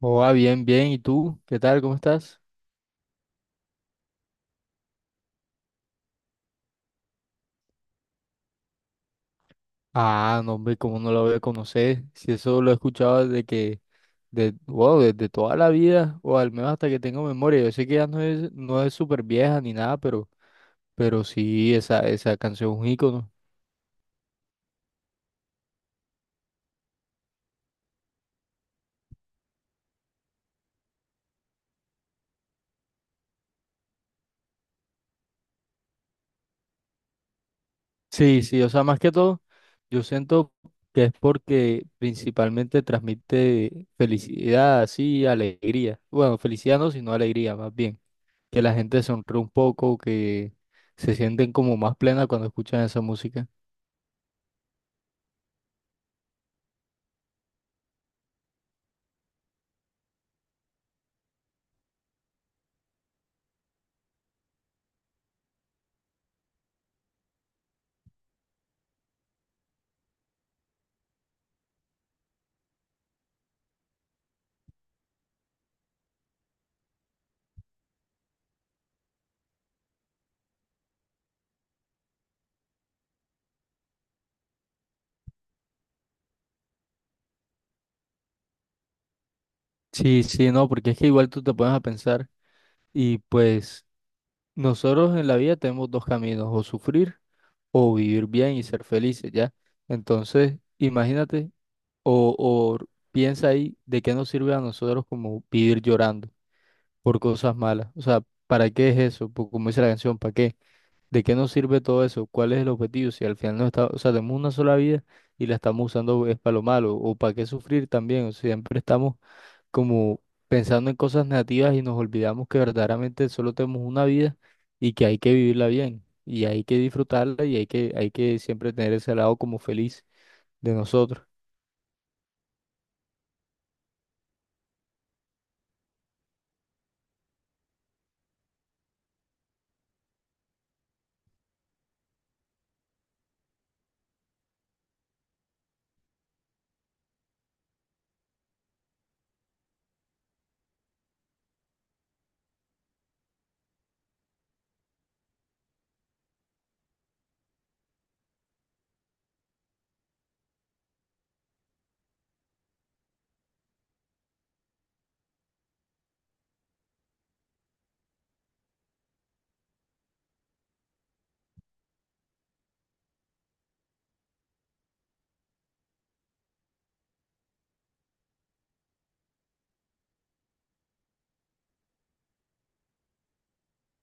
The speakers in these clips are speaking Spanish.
Hola, bien, bien. ¿Y tú? ¿Qué tal? ¿Cómo estás? Ah, no, hombre, ¿cómo no lo voy a conocer? Si eso lo he escuchado desde wow, desde toda la vida, o al menos hasta que tengo memoria. Yo sé que ya no es súper vieja ni nada, pero sí, esa canción es un ícono. Sí, sí, o sea, más que todo, yo siento que es porque principalmente transmite felicidad, sí, alegría. Bueno, felicidad no, sino alegría, más bien. Que la gente sonríe un poco, que se sienten como más plena cuando escuchan esa música. Sí, sí, no, porque es que igual tú te pones a pensar y pues nosotros en la vida tenemos dos caminos, o sufrir o vivir bien y ser felices, ¿ya? Entonces, imagínate o piensa ahí de qué nos sirve a nosotros como vivir llorando por cosas malas. O sea, ¿para qué es eso? Pues, como dice la canción, ¿para qué? ¿De qué nos sirve todo eso? ¿Cuál es el objetivo? Si al final no está, o sea, tenemos una sola vida y la estamos usando es para lo malo, o para qué sufrir también. O sea, siempre estamos como pensando en cosas negativas y nos olvidamos que verdaderamente solo tenemos una vida y que hay que vivirla bien, y hay que disfrutarla y hay que siempre tener ese lado como feliz de nosotros.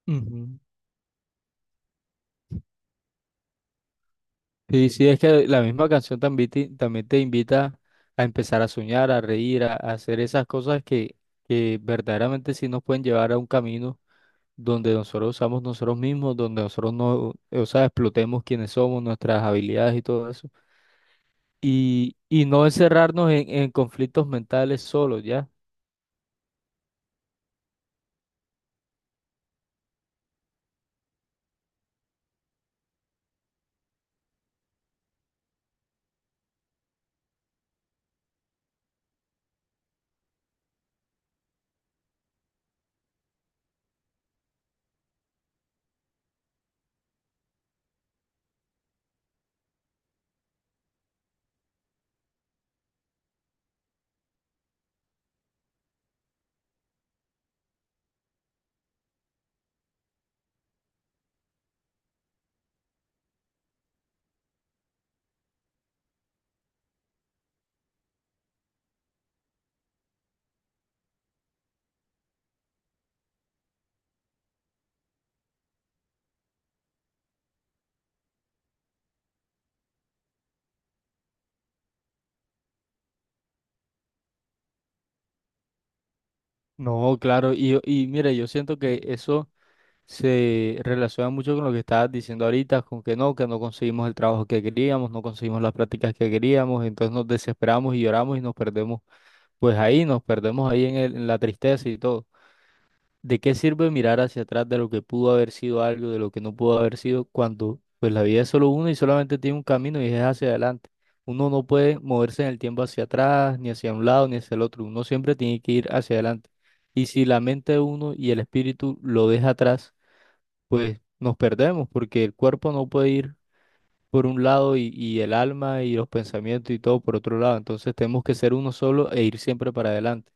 Ujú. Sí, sí, es que la misma canción también te invita a empezar a soñar, a reír, a hacer esas cosas que verdaderamente sí nos pueden llevar a un camino donde nosotros usamos nosotros mismos, donde nosotros no, o sea, explotemos quiénes somos, nuestras habilidades y todo eso. Y no encerrarnos en conflictos mentales solos, ¿ya? No, claro, y mire, yo siento que eso se relaciona mucho con lo que estabas diciendo ahorita, con que no conseguimos el trabajo que queríamos, no conseguimos las prácticas que queríamos, entonces nos desesperamos y lloramos y nos perdemos, pues ahí, nos perdemos ahí en en la tristeza y todo. ¿De qué sirve mirar hacia atrás de lo que pudo haber sido algo, de lo que no pudo haber sido, cuando pues la vida es solo una y solamente tiene un camino y es hacia adelante? Uno no puede moverse en el tiempo hacia atrás, ni hacia un lado, ni hacia el otro. Uno siempre tiene que ir hacia adelante. Y si la mente de uno y el espíritu lo deja atrás, pues nos perdemos, porque el cuerpo no puede ir por un lado y el alma y los pensamientos y todo por otro lado. Entonces tenemos que ser uno solo e ir siempre para adelante.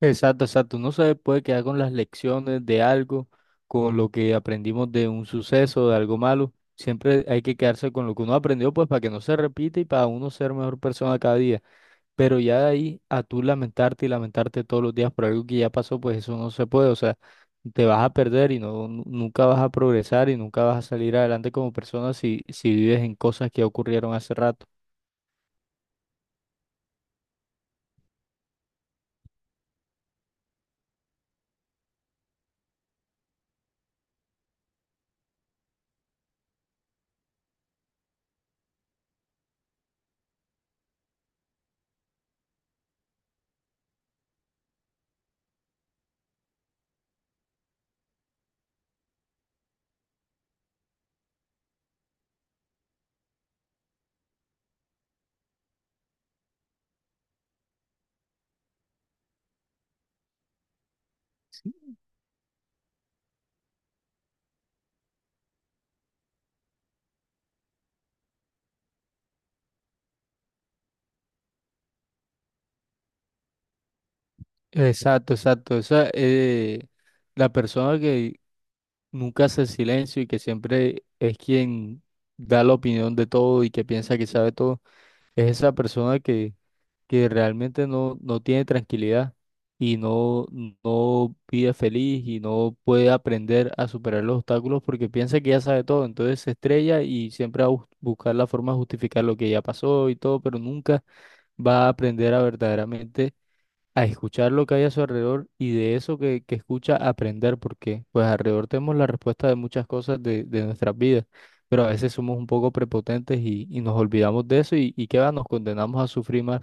Exacto, exacto. Uno se puede quedar con las lecciones de algo, con lo que aprendimos de un suceso, de algo malo. Siempre hay que quedarse con lo que uno aprendió, pues para que no se repita y para uno ser mejor persona cada día. Pero ya de ahí a tú lamentarte y lamentarte todos los días por algo que ya pasó, pues eso no se puede. O sea, te vas a perder y no, nunca vas a progresar y nunca vas a salir adelante como persona si, si vives en cosas que ocurrieron hace rato. Exacto, exacto. La persona que nunca hace silencio y que siempre es quien da la opinión de todo y que piensa que sabe todo, es esa persona que realmente no, no tiene tranquilidad y no, no vive feliz y no puede aprender a superar los obstáculos porque piensa que ya sabe todo, entonces se estrella y siempre va a buscar la forma de justificar lo que ya pasó y todo, pero nunca va a aprender a verdaderamente a escuchar lo que hay a su alrededor y de eso que escucha aprender, porque pues alrededor tenemos la respuesta de muchas cosas de nuestras vidas, pero a veces somos un poco prepotentes y nos olvidamos de eso y qué va, nos condenamos a sufrir más.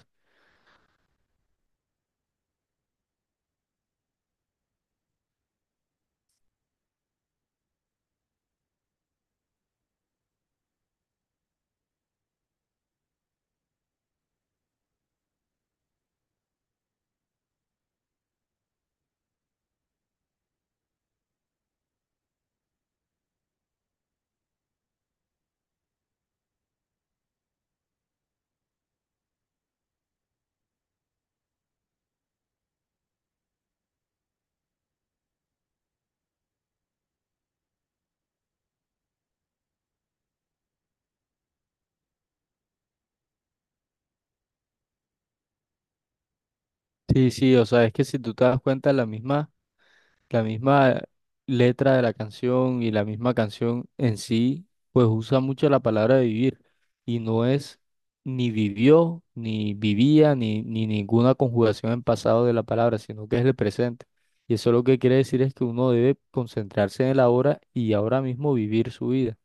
Sí, sí, o sea, es que si tú te das cuenta, La misma letra de la canción y la misma canción en sí, pues usa mucho la palabra vivir y no es ni vivió, ni vivía, ni ninguna conjugación en pasado de la palabra, sino que es el presente. Y eso lo que quiere decir es que uno debe concentrarse en el ahora y ahora mismo vivir su vida,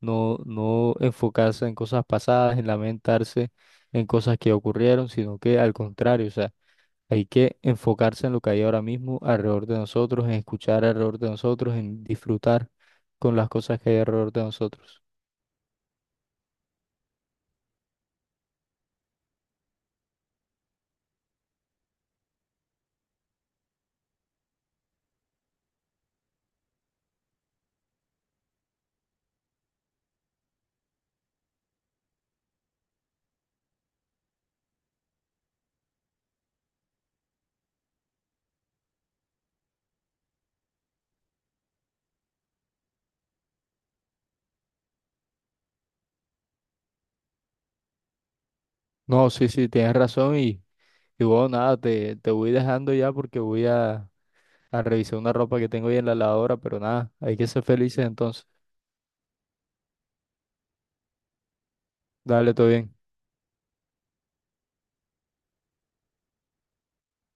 no enfocarse en cosas pasadas, en lamentarse en cosas que ocurrieron, sino que al contrario, o sea, hay que enfocarse en lo que hay ahora mismo alrededor de nosotros, en escuchar alrededor de nosotros, en disfrutar con las cosas que hay alrededor de nosotros. No, sí, sí, tienes razón y bueno, nada, te voy dejando ya porque voy a revisar una ropa que tengo ahí en la lavadora, pero nada, hay que ser felices entonces. Dale, todo bien.